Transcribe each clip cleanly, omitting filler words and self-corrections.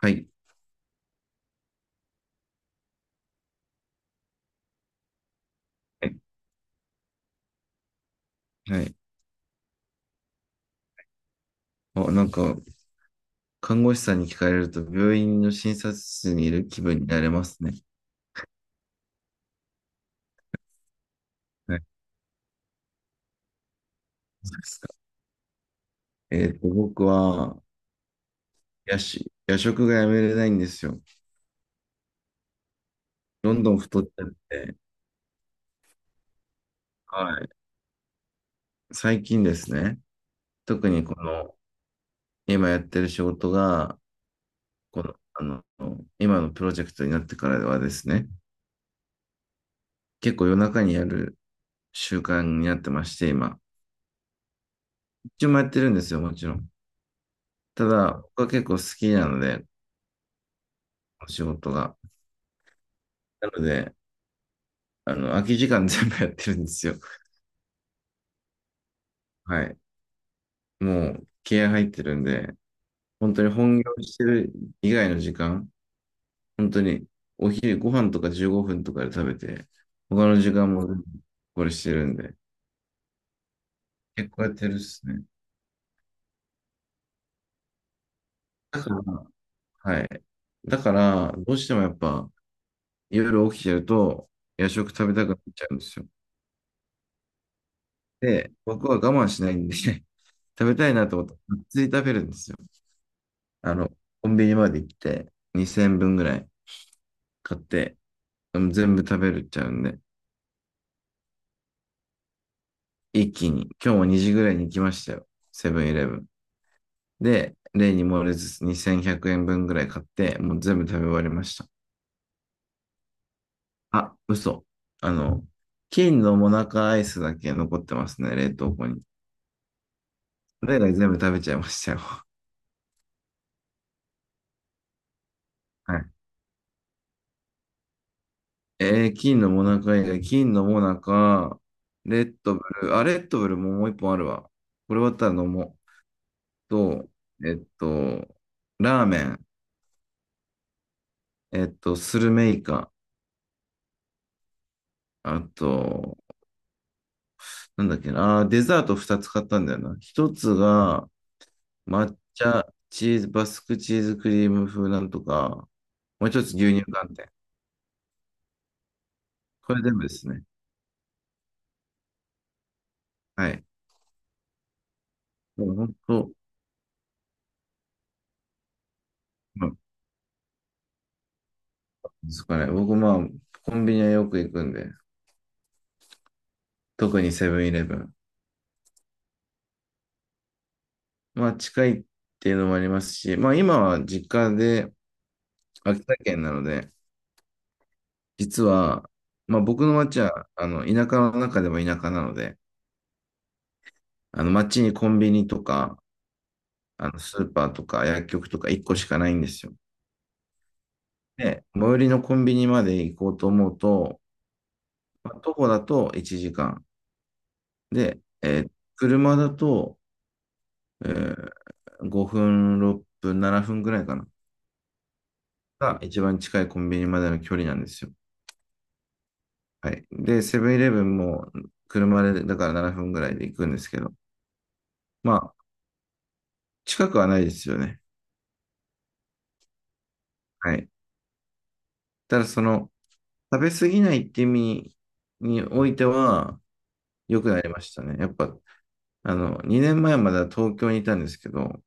はい。はい。あ、なんか、看護師さんに聞かれると、病院の診察室にいる気分になれますね。はい。そうですか。僕は、夜食がやめれないんですよ。どんどん太っちゃって。はい。最近ですね。特にこの、今やってる仕事が、この、今のプロジェクトになってからはですね、結構夜中にやる習慣になってまして、今。一応もやってるんですよ、もちろん。ただ、僕は結構好きなので、お仕事が。なので、空き時間全部やってるんですよ。はい。もう、気合入ってるんで、本当に本業してる以外の時間、本当にお昼ご飯とか15分とかで食べて、他の時間もこれしてるんで、結構やってるっすね。だから、はい。だから、どうしてもやっぱ、夜起きてると、夜食食べたくなっちゃうんですよ。で、僕は我慢しないんで 食べたいなと思って、がっつり食べるんですよ。あの、コンビニまで行って、2000分ぐらい。買って、全部食べるっちゃうんで、一気に、今日も2時ぐらいに行きましたよ。セブンイレブン。で、例に漏れず2100円分ぐらい買って、もう全部食べ終わりました。あ、嘘。あの、金のモナカアイスだけ残ってますね、冷凍庫に。それ以外全部食べちゃいましたよ。はい。金のモナカ以外、金のモナカ、レッドブル、あ、レッドブルももう一本あるわ。これ終わったら飲もう。と、えっと、ラーメン、スルメイカ、あと、なんだっけな、デザート2つ買ったんだよな。1つが抹茶チーズ、バスクチーズクリーム風なんとか、もう1つ牛乳寒天。これ全部ですね。はい。もう本当、まあ、ですかね。僕、まあ、コンビニはよく行くんで、特にセブンイレブン。まあ、近いっていうのもありますし、まあ、今は実家で秋田県なので、実は、まあ、僕の町は、田舎の中でも田舎なので、町にコンビニとか、スーパーとか薬局とか1個しかないんですよ。で、最寄りのコンビニまで行こうと思うと、まあ徒歩だと1時間。で、車だと、えー5分、6分、7分ぐらいかな。が一番近いコンビニまでの距離なんですよ。はい。で、セブンイレブンも車で、だから7分ぐらいで行くんですけど、まあ、近くはないですよね。はい。ただ、その、食べ過ぎないって意味においては、良くなりましたね。やっぱ、2年前までは東京にいたんですけど、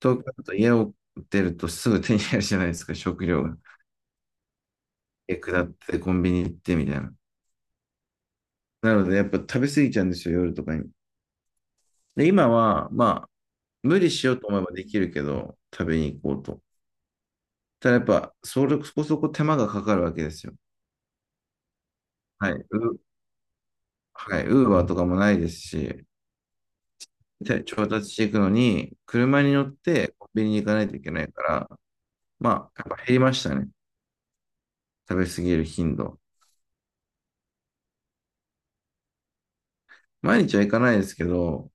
東京だと家を出るとすぐ手に入るじゃないですか、食料が。え、下ってコンビニ行ってみたいな。なので、やっぱ食べ過ぎちゃうんですよ、夜とかに。で、今は、まあ、無理しようと思えばできるけど、食べに行こうと。ただやっぱ、そこそこ手間がかかるわけですよ。はい。ーはい。ウーバーとかもないですし、で調達していくのに、車に乗ってコンビニに行かないといけないから、まあ、やっぱ減りましたね。食べ過ぎる頻度。毎日は行かないですけど、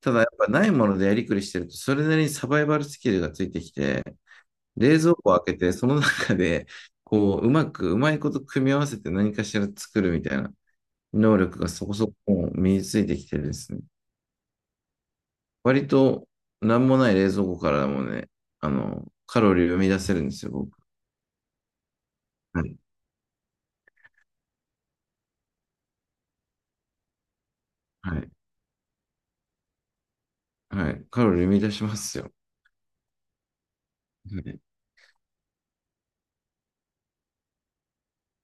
ただやっぱないものでやりくりしてると、それなりにサバイバルスキルがついてきて、冷蔵庫を開けて、その中で、こう、うまく、うまいこと組み合わせて何かしら作るみたいな能力がそこそこ身についてきてるんですね。割と、なんもない冷蔵庫からもね、カロリーを生み出せるんですよ、僕。はい。はい。はい。カロリー生み出しますよ。はい。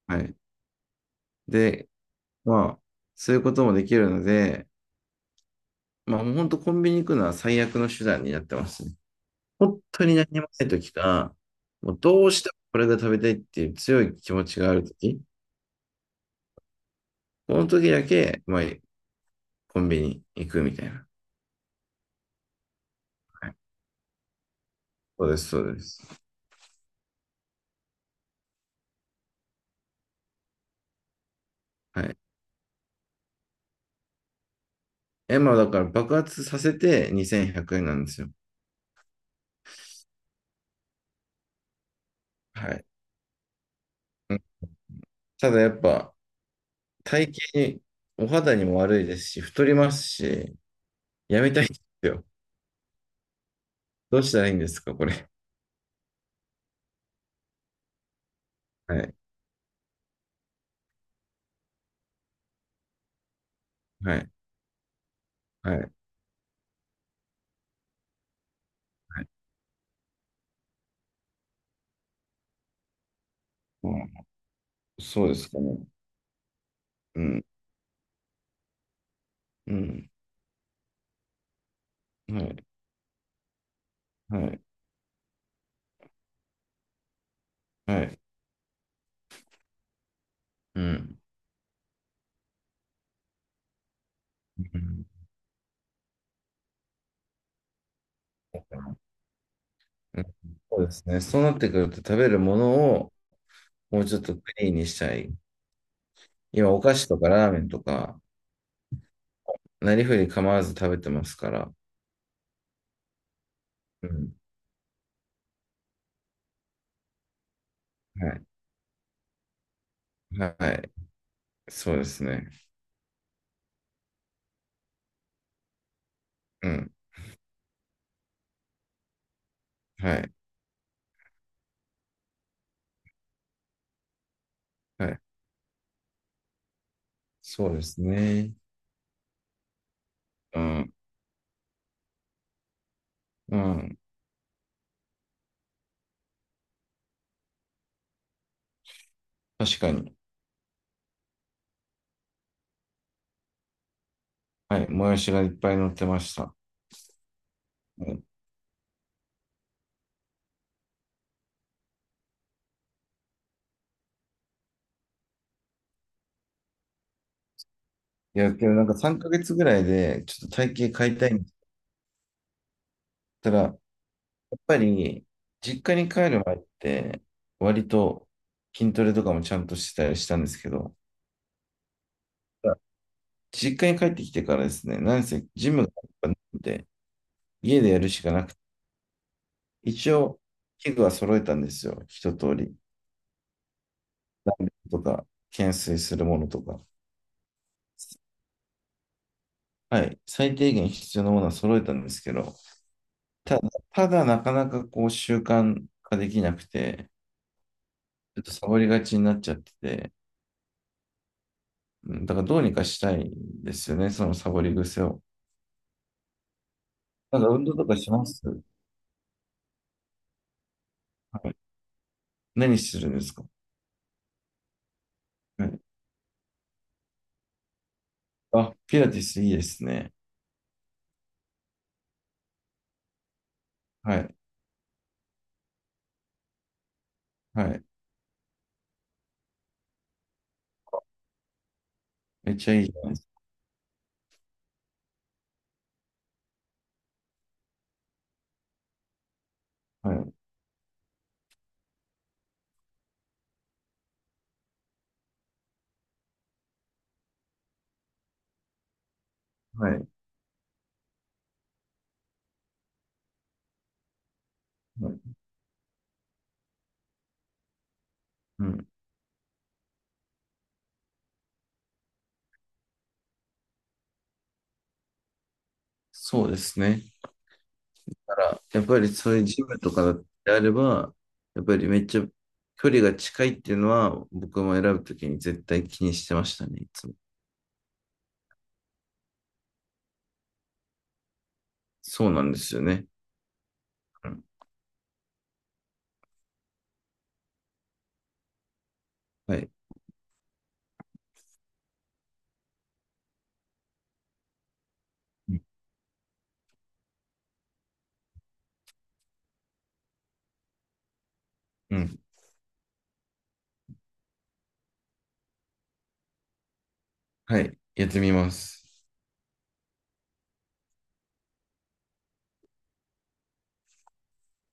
はい。で、まあ、そういうこともできるので、まあ、もう本当コンビニ行くのは最悪の手段になってますね。本当に何もない時か、もうどうしてもこれが食べたいっていう強い気持ちがある時、この時だけ、まあ、コンビニ行くみたいな。はい、そうです、そうです。はい。え、まあ、だから爆発させて2100円なんですよ。はい。うん。ただやっぱ、体型に、お肌にも悪いですし、太りますし、やめたいんですよ。どうしたらいいんですか、これ。はい。はい。はい。はい。うん、そうですかね。うん。うん。はい。はい。はい。うん。うんうん。そうですね。そうなってくると食べるものをもうちょっとクリーンにしたい。今、お菓子とかラーメンとか、なりふり構わず食べてますから。うん。はい。はい。そうですね。うん。はい。はい。そうですね。うん。うん。確かに。はい。もやしがいっぱい乗ってました。うん。いや、けどなんか3ヶ月ぐらいで、ちょっと体型変えたいんだったら、やっぱり、実家に帰る前って、割と筋トレとかもちゃんとしてたりしたんですけど、実家に帰ってきてからですね、なんせジムがなくて、家でやるしかなくて、一応、器具は揃えたんですよ、一通り。ダンベルとか、懸垂するものとか。はい、最低限必要なものは揃えたんですけど、ただなかなかこう習慣化できなくて、ちょっとサボりがちになっちゃってて、うん。だからどうにかしたいんですよね、そのサボり癖を。なんか運動とかします。はい。何するんですか？はい。あ、ピラティスいいですね。はい。はい。めっちゃいいじゃないですか？はい。はい。はい。うん。そうですね。だから、やっぱりそういうジムとかであれば、やっぱりめっちゃ距離が近いっていうのは、僕も選ぶときに絶対気にしてましたね、いつも。そうなんですよね。うん。はい。うん。うん。はい。やってみます。